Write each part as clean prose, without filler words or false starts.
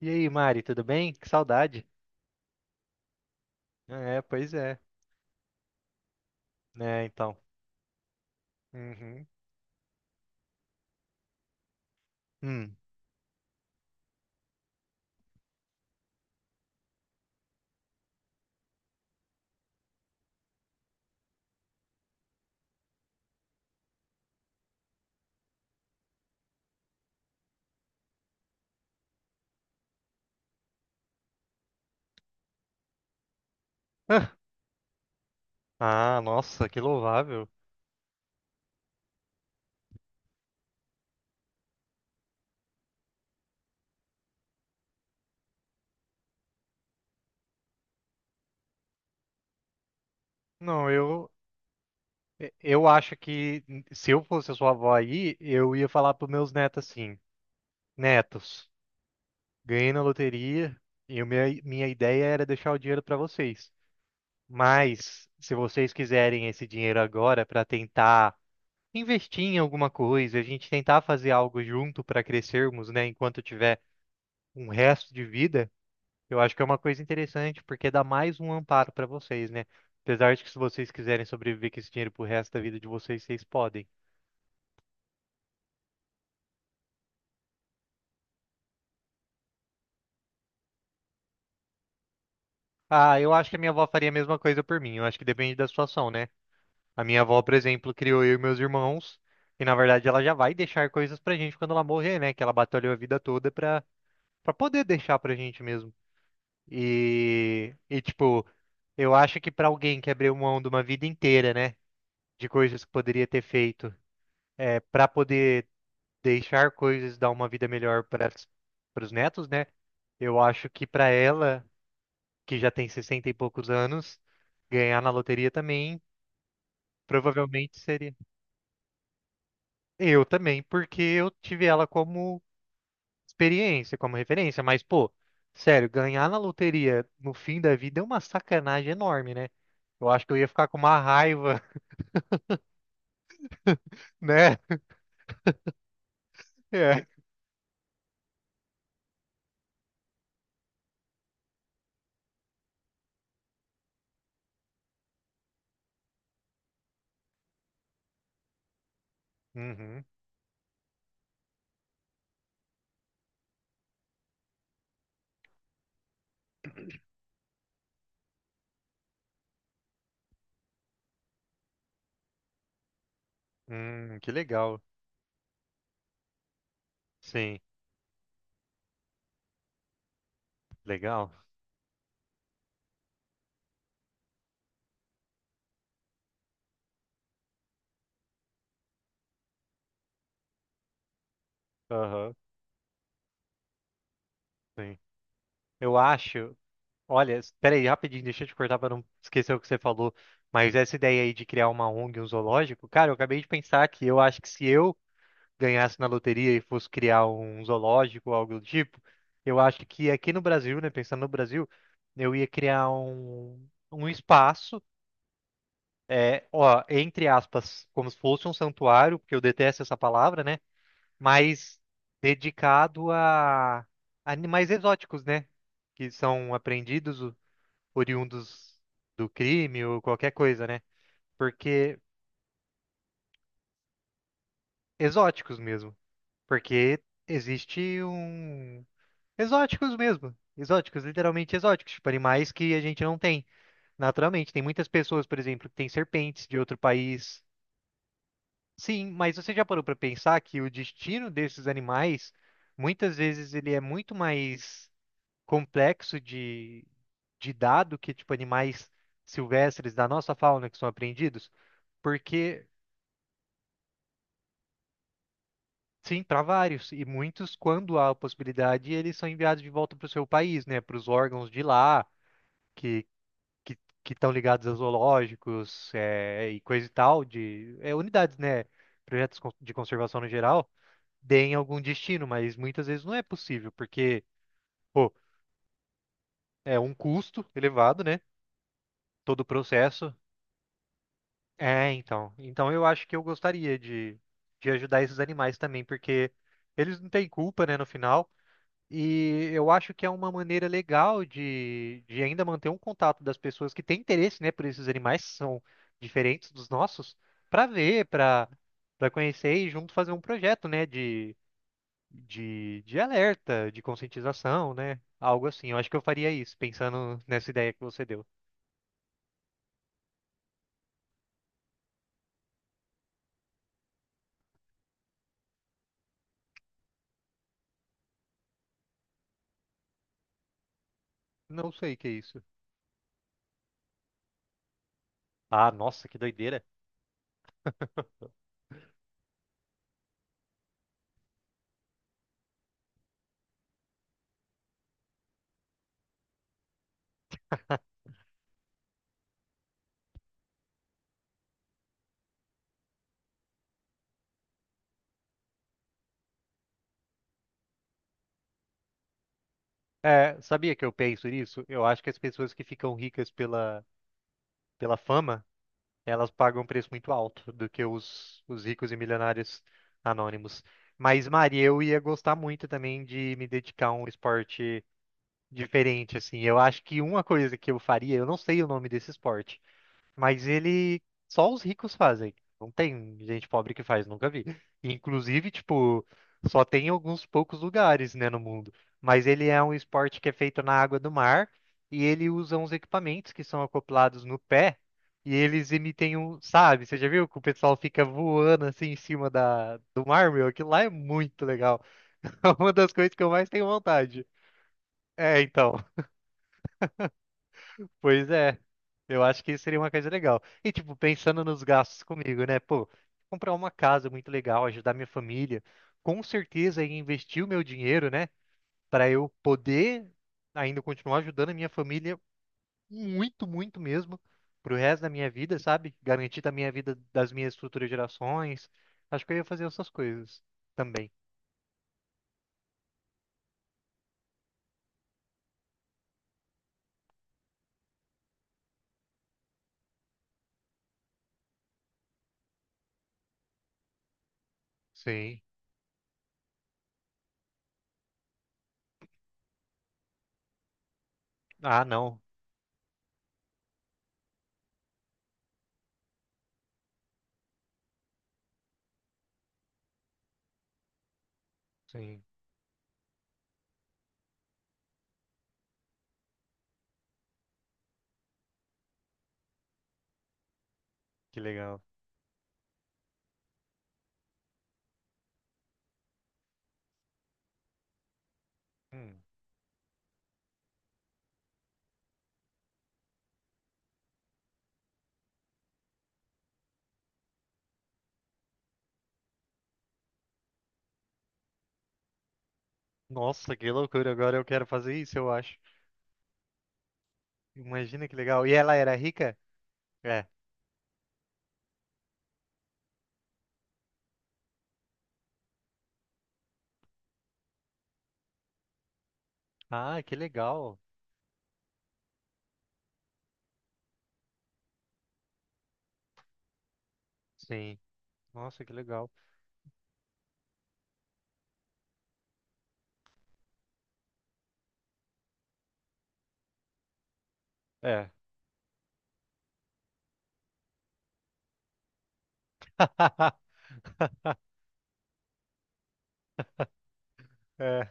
E aí, Mari, tudo bem? Que saudade. É, pois é. É, então. Uhum. Hum. Ah, ah, nossa, que louvável. Não, eu acho que se eu fosse a sua avó aí, eu ia falar pros meus netos assim: Netos, ganhei na loteria e minha ideia era deixar o dinheiro para vocês. Mas, se vocês quiserem esse dinheiro agora para tentar investir em alguma coisa, a gente tentar fazer algo junto para crescermos, né, enquanto eu tiver um resto de vida. Eu acho que é uma coisa interessante, porque dá mais um amparo para vocês, né? Apesar de que se vocês quiserem sobreviver com esse dinheiro pro resto da vida de vocês, vocês podem. Ah, eu acho que a minha avó faria a mesma coisa por mim. Eu acho que depende da situação, né? A minha avó, por exemplo, criou eu e meus irmãos, e na verdade ela já vai deixar coisas pra gente quando ela morrer, né? Que ela batalhou a vida toda pra, poder deixar pra gente mesmo. E tipo, eu acho que pra alguém que abriu mão de uma vida inteira, né? De coisas que poderia ter feito para poder deixar coisas, dar uma vida melhor para os netos, né? Eu acho que para ela, que já tem 60 e poucos anos, ganhar na loteria também provavelmente seria. Eu também, porque eu tive ela como experiência, como referência, mas pô, sério, ganhar na loteria no fim da vida é uma sacanagem enorme, né? Eu acho que eu ia ficar com uma raiva, né? É. Uhum. Que legal. Sim, legal. Aham, sim. Eu acho Olha, espera aí, rapidinho, deixa eu te cortar para não esquecer o que você falou. Mas essa ideia aí de criar uma ONG, um zoológico, cara, eu acabei de pensar que eu acho que se eu ganhasse na loteria e fosse criar um zoológico ou algo do tipo, eu acho que aqui no Brasil, né, pensando no Brasil, eu ia criar um espaço, é, ó, entre aspas, como se fosse um santuário, porque eu detesto essa palavra, né, mas dedicado a animais exóticos, né, que são apreendidos oriundos do crime ou qualquer coisa, né? Porque exóticos mesmo. Porque existe um. Exóticos mesmo. Exóticos, literalmente exóticos. Tipo, animais que a gente não tem naturalmente. Tem muitas pessoas, por exemplo, que têm serpentes de outro país. Sim, mas você já parou para pensar que o destino desses animais, muitas vezes, ele é muito mais complexo de, dado que, tipo, animais silvestres da nossa fauna que são apreendidos? Porque sim, para vários. E muitos, quando há a possibilidade, eles são enviados de volta para o seu país, né? Para os órgãos de lá, que que que estão ligados a zoológicos é, e coisa e tal, de é, unidades, né? Projetos de conservação no geral, deem algum destino, mas muitas vezes não é possível, porque, pô, é um custo elevado, né? Todo o processo. É, então. Então eu acho que eu gostaria de, ajudar esses animais também, porque eles não têm culpa, né, no final. E eu acho que é uma maneira legal de, ainda manter um contato das pessoas que têm interesse, né, por esses animais que são diferentes dos nossos, para ver, para conhecer e junto fazer um projeto, né, de, de alerta, de conscientização, né, algo assim. Eu acho que eu faria isso, pensando nessa ideia que você deu. Não sei o que é isso. Ah, nossa, que doideira. É, sabia que eu penso nisso? Eu acho que as pessoas que ficam ricas pela, fama elas pagam um preço muito alto do que os ricos e milionários anônimos. Mas, Mari, eu ia gostar muito também de me dedicar a um esporte diferente, assim. Eu acho que uma coisa que eu faria, eu não sei o nome desse esporte. Mas ele só os ricos fazem. Não tem gente pobre que faz, nunca vi. Inclusive, tipo, só tem em alguns poucos lugares, né, no mundo. Mas ele é um esporte que é feito na água do mar e ele usa uns equipamentos que são acoplados no pé e eles emitem um, sabe? Você já viu que o pessoal fica voando assim em cima da do mar, meu? Aquilo lá é muito legal. É uma das coisas que eu mais tenho vontade. É, então. Pois é, eu acho que isso seria uma coisa legal. E, tipo, pensando nos gastos comigo, né? Pô, comprar uma casa muito legal, ajudar minha família, com certeza em investir o meu dinheiro, né? Para eu poder ainda continuar ajudando a minha família muito, muito mesmo, pro resto da minha vida, sabe? Garantir da minha vida, das minhas futuras gerações. Acho que eu ia fazer essas coisas também. Sim. Ah, não. Sim, que legal. Hum. Nossa, que loucura. Agora eu quero fazer isso, eu acho. Imagina que legal. E ela era rica? É. Ah, que legal. Sim. Nossa, que legal. É. É.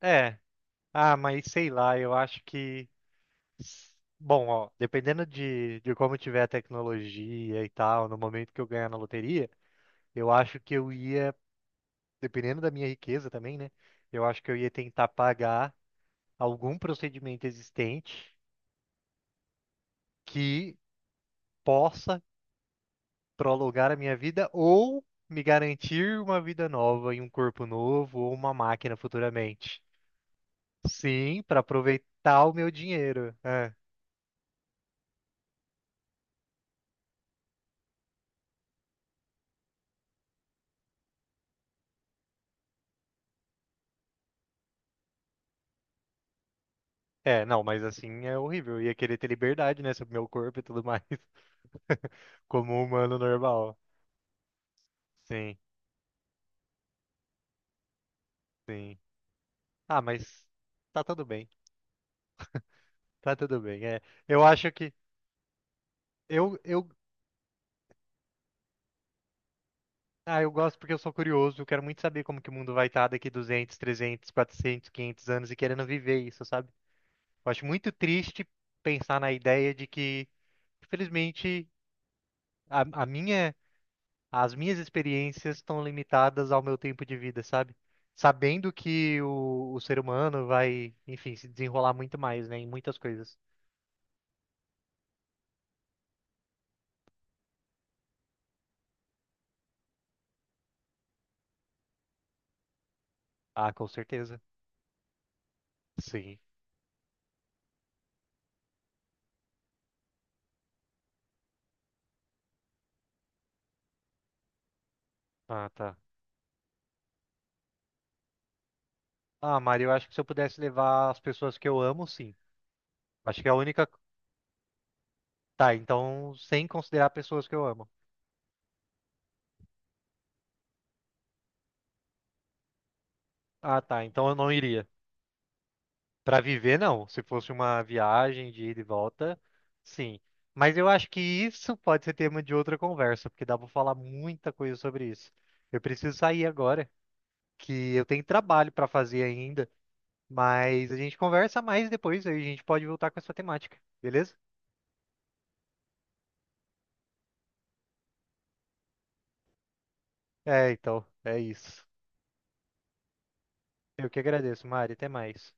É. Ah, mas sei lá, eu acho que. Bom, ó, dependendo de, como tiver a tecnologia e tal, no momento que eu ganhar na loteria, eu acho que eu ia, dependendo da minha riqueza também, né? Eu acho que eu ia tentar pagar algum procedimento existente que possa prolongar a minha vida ou me garantir uma vida nova e um corpo novo ou uma máquina futuramente. Sim, para aproveitar o meu dinheiro. É. É, não, mas assim é horrível. Eu ia querer ter liberdade, né, sobre meu corpo e tudo mais, como um humano normal. Sim, sim. Ah, mas tá tudo bem. Tá tudo bem. É, eu acho que eu eu eu gosto porque eu sou curioso, eu quero muito saber como que o mundo vai estar daqui 200, 300, 400, 500 anos e querendo viver isso, sabe? Eu acho muito triste pensar na ideia de que, infelizmente, a, a minha, as minhas experiências estão limitadas ao meu tempo de vida, sabe? Sabendo que o ser humano vai, enfim, se desenrolar muito mais, né, em muitas coisas. Ah, com certeza. Sim. Ah, tá. Ah, Mari, eu acho que se eu pudesse levar as pessoas que eu amo, sim. Acho que é a única. Tá, então, sem considerar pessoas que eu amo. Ah, tá. Então eu não iria. Para viver, não. Se fosse uma viagem de ida e volta, sim. Mas eu acho que isso pode ser tema de outra conversa, porque dá para falar muita coisa sobre isso. Eu preciso sair agora, que eu tenho trabalho para fazer ainda, mas a gente conversa mais depois, aí a gente pode voltar com essa temática, beleza? É, então, é isso. Eu que agradeço, Mari. Até mais.